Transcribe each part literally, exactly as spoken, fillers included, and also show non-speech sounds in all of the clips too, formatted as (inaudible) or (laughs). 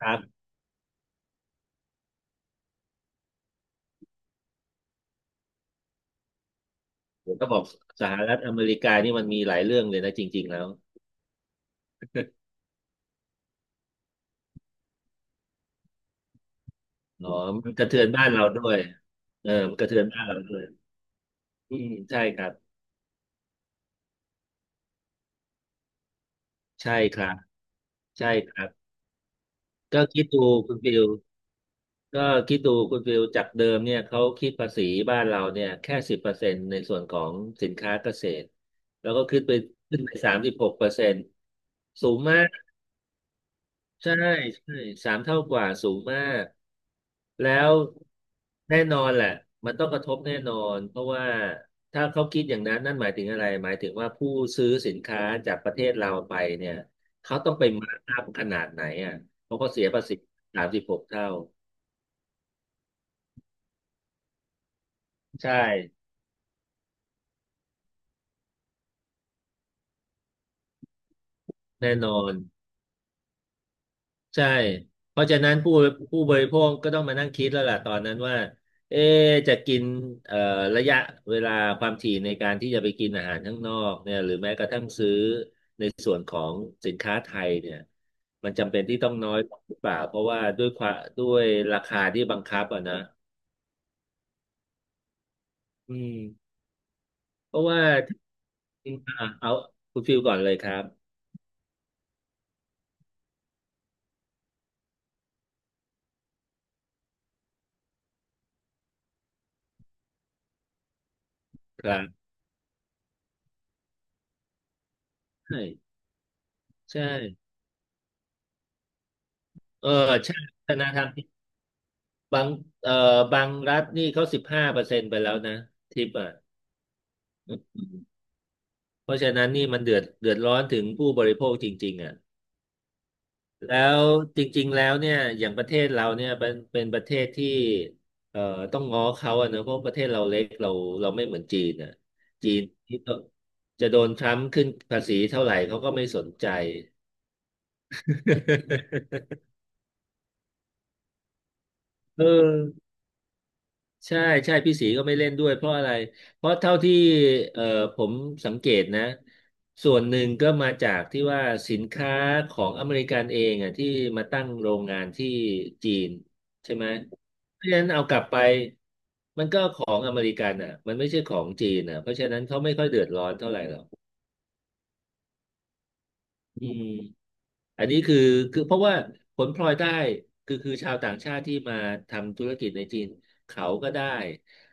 ครับผมก็บอกสหรัฐอเมริกานี่มันมีหลายเรื่องเลยนะจริงๆแล้วอ๋อมันกระเทือนบ้านเราด้วยเออมันกระเทือนบ้านเราด้วยอืมใช่ครับใช่ครับใช่ครับก็คิดดูคุณฟิลก็คิดดูคุณฟิลจากเดิมเนี่ยเขาคิดภาษีบ้านเราเนี่ยแค่สิบเปอร์เซ็นต์ในส่วนของสินค้าเกษตรแล้วก็ขึ้นไปขึ้นไปสามสิบหกเปอร์เซ็นต์สูงมาก ใช่ใช่สามเท่ากว่าสูงมากแล้วแน่นอนแหละมันต้องกระทบแน่นอนเพราะว่าถ้าเขาคิดอย่างนั้นนั่นหมายถึงอะไรหมายถึงว่าผู้ซื้อสินค้าจากประเทศเราไปเนี่ยเขาต้องไปมาร์กอัพขนาดไหนอ่ะเพราะเขาเสียภาษีสามสิบหกเท่าใช่แน่นอน ใช่ เพราะฉะนั้นผู้ผู้บริโภคก็ต้องมานั่งคิดแล้วล่ะตอนนั้นว่าเอ๊ะจะกินเอ่อระยะเวลาความถี่ในการที่จะไปกินอาหารข้างนอกเนี่ยหรือแม้กระทั่งซื้อในส่วนของสินค้าไทยเนี่ยมันจำเป็นที่ต้องน้อยลงหรือเปล่าเพราะว่าด้วยความด้วยราคาที่บังคับอ่ะนะอืมเพราะว่าอ่าเอาคุณฟิลก่อนเลยครับครับใช่ใช่เออใช่วัฒนธรรม บางเอ่อบางรัฐนี่เขาสิบห้าเปอร์เซ็นต์ไปแล้วนะทิปอ่ะอืมเพราะฉะนั้นนี่มันเดือดเดือดร้อนถึงผู้บริโภคจริงๆอ่ะแล้วจริงๆแล้วเนี่ยอย่างประเทศเราเนี่ยเป็นเป็นประเทศที่เอ่อต้องง้อเขาอะนะเพราะประเทศเราเล็กเราเราไม่เหมือนจีนอ่ะจีนที่ต้องจะโดนทรัมป์ขึ้นภาษีเท่าไหร่เขาก็ไม่สนใจ (laughs) เออ ใช่ใช่พี่ศรีก็ไม่เล่นด้วยเพราะอะไรเพราะเท่าที่เอ่อผมสังเกตนะส่วนหนึ่งก็มาจากที่ว่าสินค้าของอเมริกันเองอ่ะที่มาตั้งโรงงานที่จีนใช่ไหมเพราะฉะนั้นเอากลับไปมันก็ของอเมริกันอ่ะมันไม่ใช่ของจีนอ่ะเพราะฉะนั้นเขาไม่ค่อยเดือดร้อนเท่าไหร่หรอกอืม อันนี้คือคือเพราะว่าผลพลอยได้คือคือชาวต่างชาติที่มาทำธุรกิจในจีนเขาก็ได้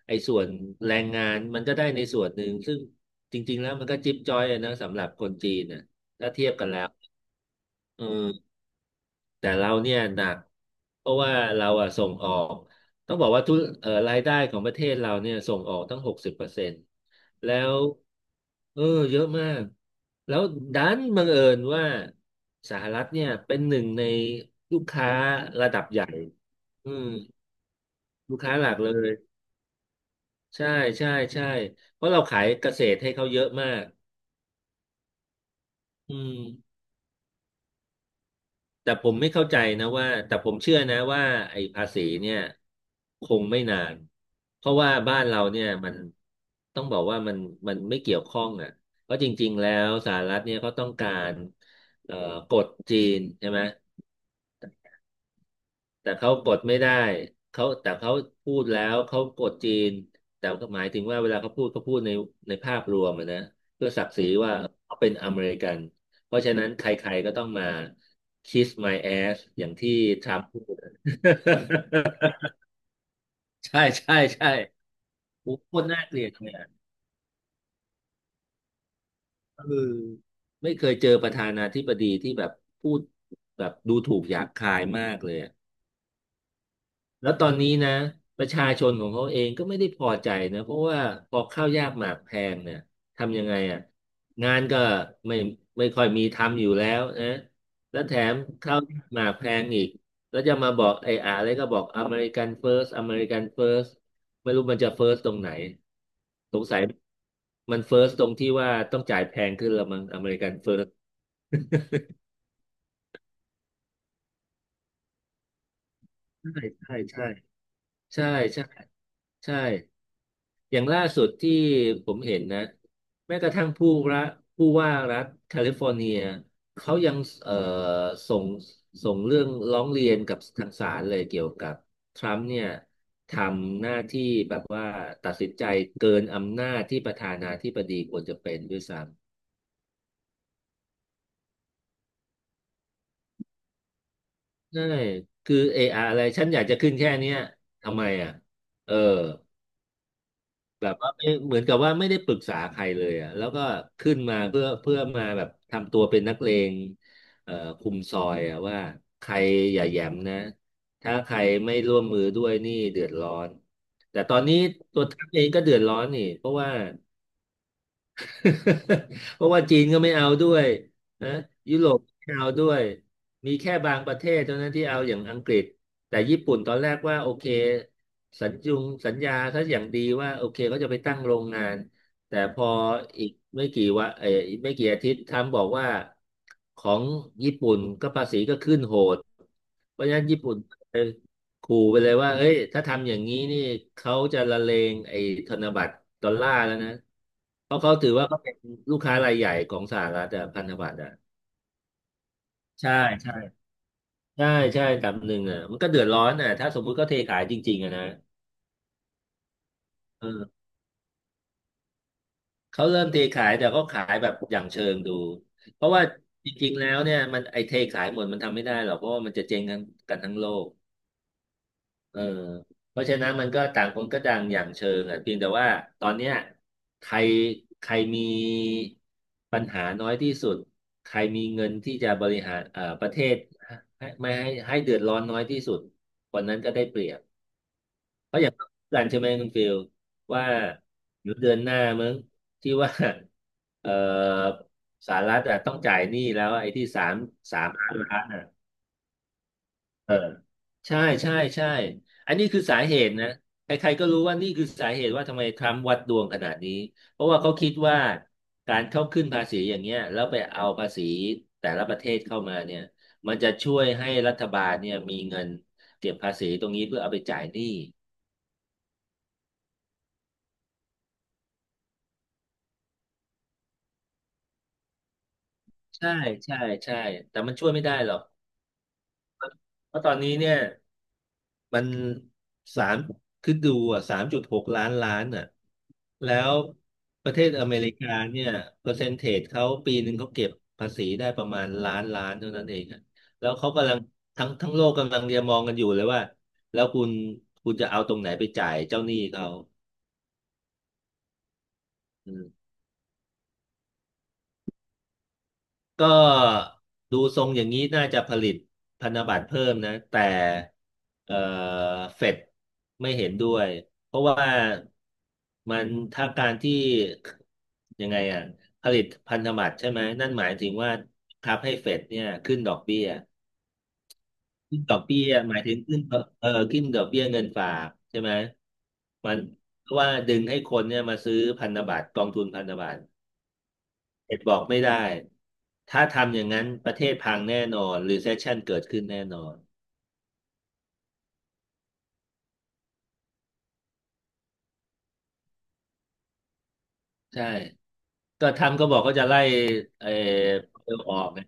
ไอ้ส่วนแรงงานมันก็ได้ในส่วนหนึ่งซึ่งจริงๆแล้วมันก็จิ๊บจ้อยอะนะสำหรับคนจีนนะถ้าเทียบกันแล้วเออ แต่เราเนี่ยหนักเพราะว่าเราอะส่งออกต้องบอกว่าทุกเอ่อรายได้ของประเทศเราเนี่ยส่งออกตั้งหกสิบเปอร์เซ็นต์แล้วเออเยอะมากแล้วดันบังเอิญว่าสหรัฐเนี่ยเป็นหนึ่งในลูกค้าระดับใหญ่อืมลูกค้าหลักเลยใช่ใช่ใช่เพราะเราขายเกษตรให้เขาเยอะมากอืม แต่ผมไม่เข้าใจนะว่าแต่ผมเชื่อนะว่าไอ้ภาษีเนี่ยคงไม่นานเพราะว่าบ้านเราเนี่ยมันต้องบอกว่ามันมันไม่เกี่ยวข้องอ่ะเพราะจริงๆแล้วสหรัฐเนี่ยเขาต้องการเอ่อกดจีนใช่ไหม แต่เขากดไม่ได้เขาแต่เขาพูดแล้วเขากดจีนแต่ก็หมายถึงว่าเวลาเขาพูดเขาพูดในในภาพรวมอะนะเพื่อศักดิ์ศรีว่าเขาเป็นอเมริกันเพราะฉะนั้นใครๆก็ต้องมา kiss my ass อย่างที่ทรัมป์พูด (laughs) ใช่ใช่ใช่โอ้โหโคตรน่าเกลียดเลยอะเออไม่เคยเจอประธานาธิบดีที่แบบพูดแบบดูถูกหยาบคายมากเลยอะ แล้วตอนนี้นะประชาชนของเขาเองก็ไม่ได้พอใจนะเพราะว่าพอข้าวยากหมากแพงเนี่ยทำยังไงอ่ะงานก็ไม่ไม่ค่อยมีทำอยู่แล้วนะแล้วแถมข้าวยากหมากแพงอีกแล้วจะมาบอกไอ้อะไรก็บอกอเมริกันเฟิร์สอเมริกันเฟิร์สไม่รู้มันจะเฟิร์สตรงไหนสงสัยมันเฟิร์สตรงที่ว่าต้องจ่ายแพงขึ้นละมั้งอเมริกันเฟิร์สใช่ใช่ใช่ ใช่ใช่ใช่อย่างล่าสุดที่ผมเห็นนะแม้กระทั่งผู้รัฐผู้ว่ารัฐแคลิฟอร์เนียเขายังเอ่อส่งส่งเรื่องร้องเรียนกับทางศาลเลยเกี่ยวกับทรัมป์เนี่ยทำหน้าที่แบบว่าตัดสินใจเกินอำนาจที่ประธานาธิบดีควรจะเป็นด้วยซ้ำใช่คือเอออะไรฉันอยากจะขึ้นแค่เนี้ยทำไมอ่ะเออ แบบว่าไม่เหมือนกับว่าไม่ได้ปรึกษาใครเลยอ่ะแล้วก็ขึ้นมาเพื่อเพื่อมาแบบทำตัวเป็นนักเลงเอ่อคุมซอยอ่ะว่าใครอย่าแหย้มนะถ้าใครไม่ร่วมมือด้วยนี่เดือดร้อนแต่ตอนนี้ตัวท่านเองก็เดือดร้อนนี่เพราะว่า (laughs) เพราะว่าจีนก็ไม่เอาด้วยนะยุโรปไม่เอาด้วยมีแค่บางประเทศเท่านั้นที่เอาอย่างอังกฤษแต่ญี่ปุ่นตอนแรกว่าโอเคสัญญงสัญญาเขาอย่างดีว่าโอเคเขาจะไปตั้งโรงงานแต่พออีกไม่กี่วะเอออีกไม่กี่อาทิตย์ทรัมป์บอกว่าของญี่ปุ่นก็ภาษีก็ขึ้นโหดเพราะฉะนั้นญี่ปุ่น ขู่ไปเลยว่าเอ้ยถ้าทำอย่างนี้นี่เขาจะละเลงไอ้ธนบัตรดอลลาร์แล้วนะเพราะเขาถือว่าเขาเป็นลูกค้ารายใหญ่ของสหรัฐอะพันธบัตรอะใช่ ใช่ใช่ใช่ลำหนึ่งอะมันก็เดือดร้อนอะถ้าสมมุติเขาเทขายจริงๆอะนะเออเขาเริ่มเทขายแต่เขาขายแบบอย่างเชิงดูเพราะว่าจริงๆแล้วเนี่ยมันไอ้เทขายหมดมันทำไม่ได้หรอกเพราะว่ามันจะเจ๊งกันกันทั้งโลก เออเพราะฉะนั้นมันก็ต่างคนก็ต่างอย่างเชิงอ่ะเพียงแต่ว่าตอนเนี้ยใครใครมีปัญหาน้อยที่สุดใครมีเงินที่จะบริหารเอ่อประเทศให้ไม่ให้ให้เดือดร้อนน้อยที่สุดคนนั้นก็ได้เปรียบเพราะอย่างกันใช่ไหมคุณฟิลว่าเดี๋ยวเดือนหน้ามั้งที่ว่า (laughs) เอ่อสหรัฐอะต้องจ่ายหนี้แล้วไอ้ที่สามสามล้านล้าน เออใช่ใช่ใช่อันนี้คือสาเหตุนะใครๆก็รู้ว่านี่คือสาเหตุว่าทำไมทรัมป์วัดดวงขนาดนี้เพราะว่าเขาคิดว่าการเข้าขึ้นภาษีอย่างเงี้ยแล้วไปเอาภาษีแต่ละประเทศเข้ามาเนี่ยมันจะช่วยให้รัฐบาลเนี่ยมีเงินเก็บภาษีตรงนี้เพื่อเอาไปจ่ายหนี้ใช่ใช่ใช่แต่มันช่วยไม่ได้หรอกเพราะตอนนี้เนี่ย มันสามคือดูอ่ะสามจุดหกล้านล้านอ่ะแล้วประเทศอเมริกาเนี่ยเปอร์เซนเทจเขาปีหนึ่งเขาเก็บภาษีได้ประมาณล้านล้านเท่านั้นเองอะแล้วเขากำลังทั้งทั้งโลกกำลังเรียมองกันอยู่เลยว่าแล้วคุณคุณจะเอาตรงไหนไปจ่ายเจ้าหนี้เขา ก็ดูทรงอย่างนี้น่าจะผลิตพันธบัตรเพิ่มนะแต่เอ่อเฟดไม่เห็นด้วยเพราะว่ามันถ้าการที่ยังไงอ่ะผลิตพันธบัตรใช่ไหมนั่นหมายถึงว่าทับให้เฟดเนี่ยขึ้นดอกเบี้ยขึ้นดอกเบี้ยหมายถึงขึ้นเออเอ่อขึ้นดอกเบี้ยเงินฝากใช่ไหมมันเพราะว่าดึงให้คนเนี่ยมาซื้อพันธบัตรกองทุนพันธบัตร เด็กบอกไม่ได้ ถ้าทำอย่างนั้นประเทศพังแน่นอนรีเซ s ชันเกิดขึ้นแน่นอนใช่ก็ทำก็บอกก็จะไล่เออเออออกไง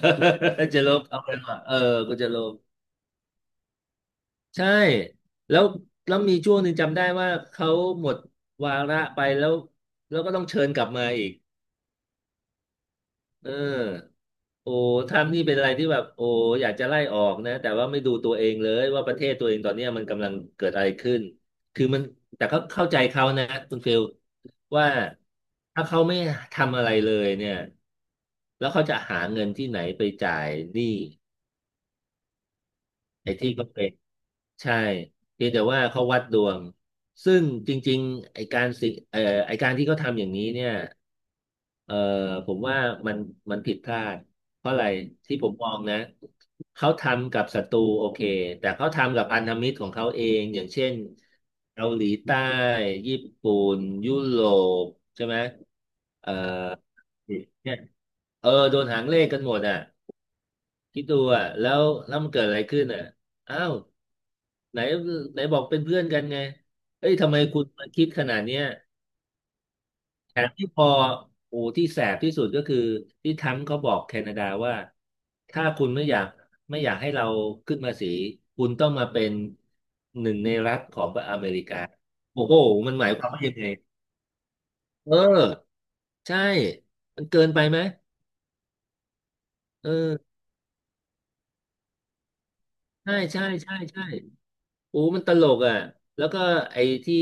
(laughs) จะลบเอาไปว่าเออก็จะลบใช่แล้วแล้วมีช่วงหนึ่งจำได้ว่าเขาหมดวาระไปแล้วแล้วก็ต้องเชิญกลับมาอีกเออ โอ้ทำนี่เป็นอะไรที่แบบโอ้อยากจะไล่ออกนะแต่ว่าไม่ดูตัวเองเลยว่าประเทศตัวเองตอนเนี้ยมันกำลังเกิดอะไรขึ้นคือมันแต่เขาเข้าใจเขานะคุณฟิลว่าถ้าเขาไม่ทำอะไรเลยเนี่ยแล้วเขาจะหาเงินที่ไหนไปจ่ายหนี้ ไอ้ที่ก็เป็นใช่เพียงแต่ว่าเขาวัดดวงซึ่งจริงๆไอ้การสิเอ่อไอ้การที่เขาทำอย่างนี้เนี่ยเอ่อผมว่ามันมันผิดพลาดเพราะอะไรที่ผมมองนะเขาทำกับศัตรูโอเคแต่เขาทำกับพันธมิตรของเขาเองอย่างเช่นเกาหลีใต้ญี่ปุ่นยุโรปใช่ไหมเอ่อเนี่ยเออโดนหางเลขกันหมดอ่ะ คิดดูอ่ะแล้วแล้วมันเกิดอะไรขึ้นอ่ะอ้าวไหนไหนบอกเป็นเพื่อนกันไงเอ้ยทำไมคุณมาคิดขนาดเนี้ยแถมที่พอโอ้ที่แสบที่สุดก็คือที่ทรั้มป์เขาบอกแคนาดาว่าถ้าคุณไม่อยากไม่อยากให้เราขึ้นภาษีคุณต้องมาเป็นหนึ่งในรัฐของอเมริกาโอ้โหมันหมายความว่ายังไงเออใช่มันเกินไปไหมเออใช่ใช่ใช่ใช่ โอ้มันตลกอ่ะแล้วก็ไอ้ที่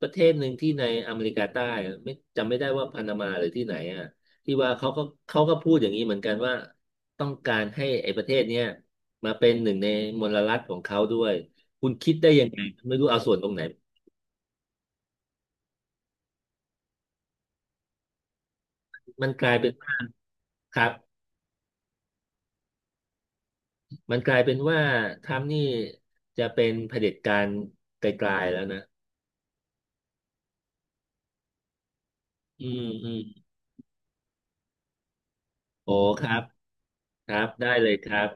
ประเทศหนึ่งที่ในอเมริกาใต้อะไม่จำไม่ได้ว่าพานามาหรือที่ไหนอ่ะที่ว่าเขาก็เขาก็พูดอย่างนี้เหมือนกันว่าต้องการให้ไอ้ประเทศเนี้ยมาเป็นหนึ่งในมลรัฐของเขาด้วยคุณคิดได้ยังไงไม่รู้เอาส่วนตรงไหนมันกลายเป็นว่าครับมันกลายเป็นว่าทรัมป์นี่จะเป็นเผด็จการไกลๆแล้วนะอืมอืมโอ้ครับครับได้เลยครับ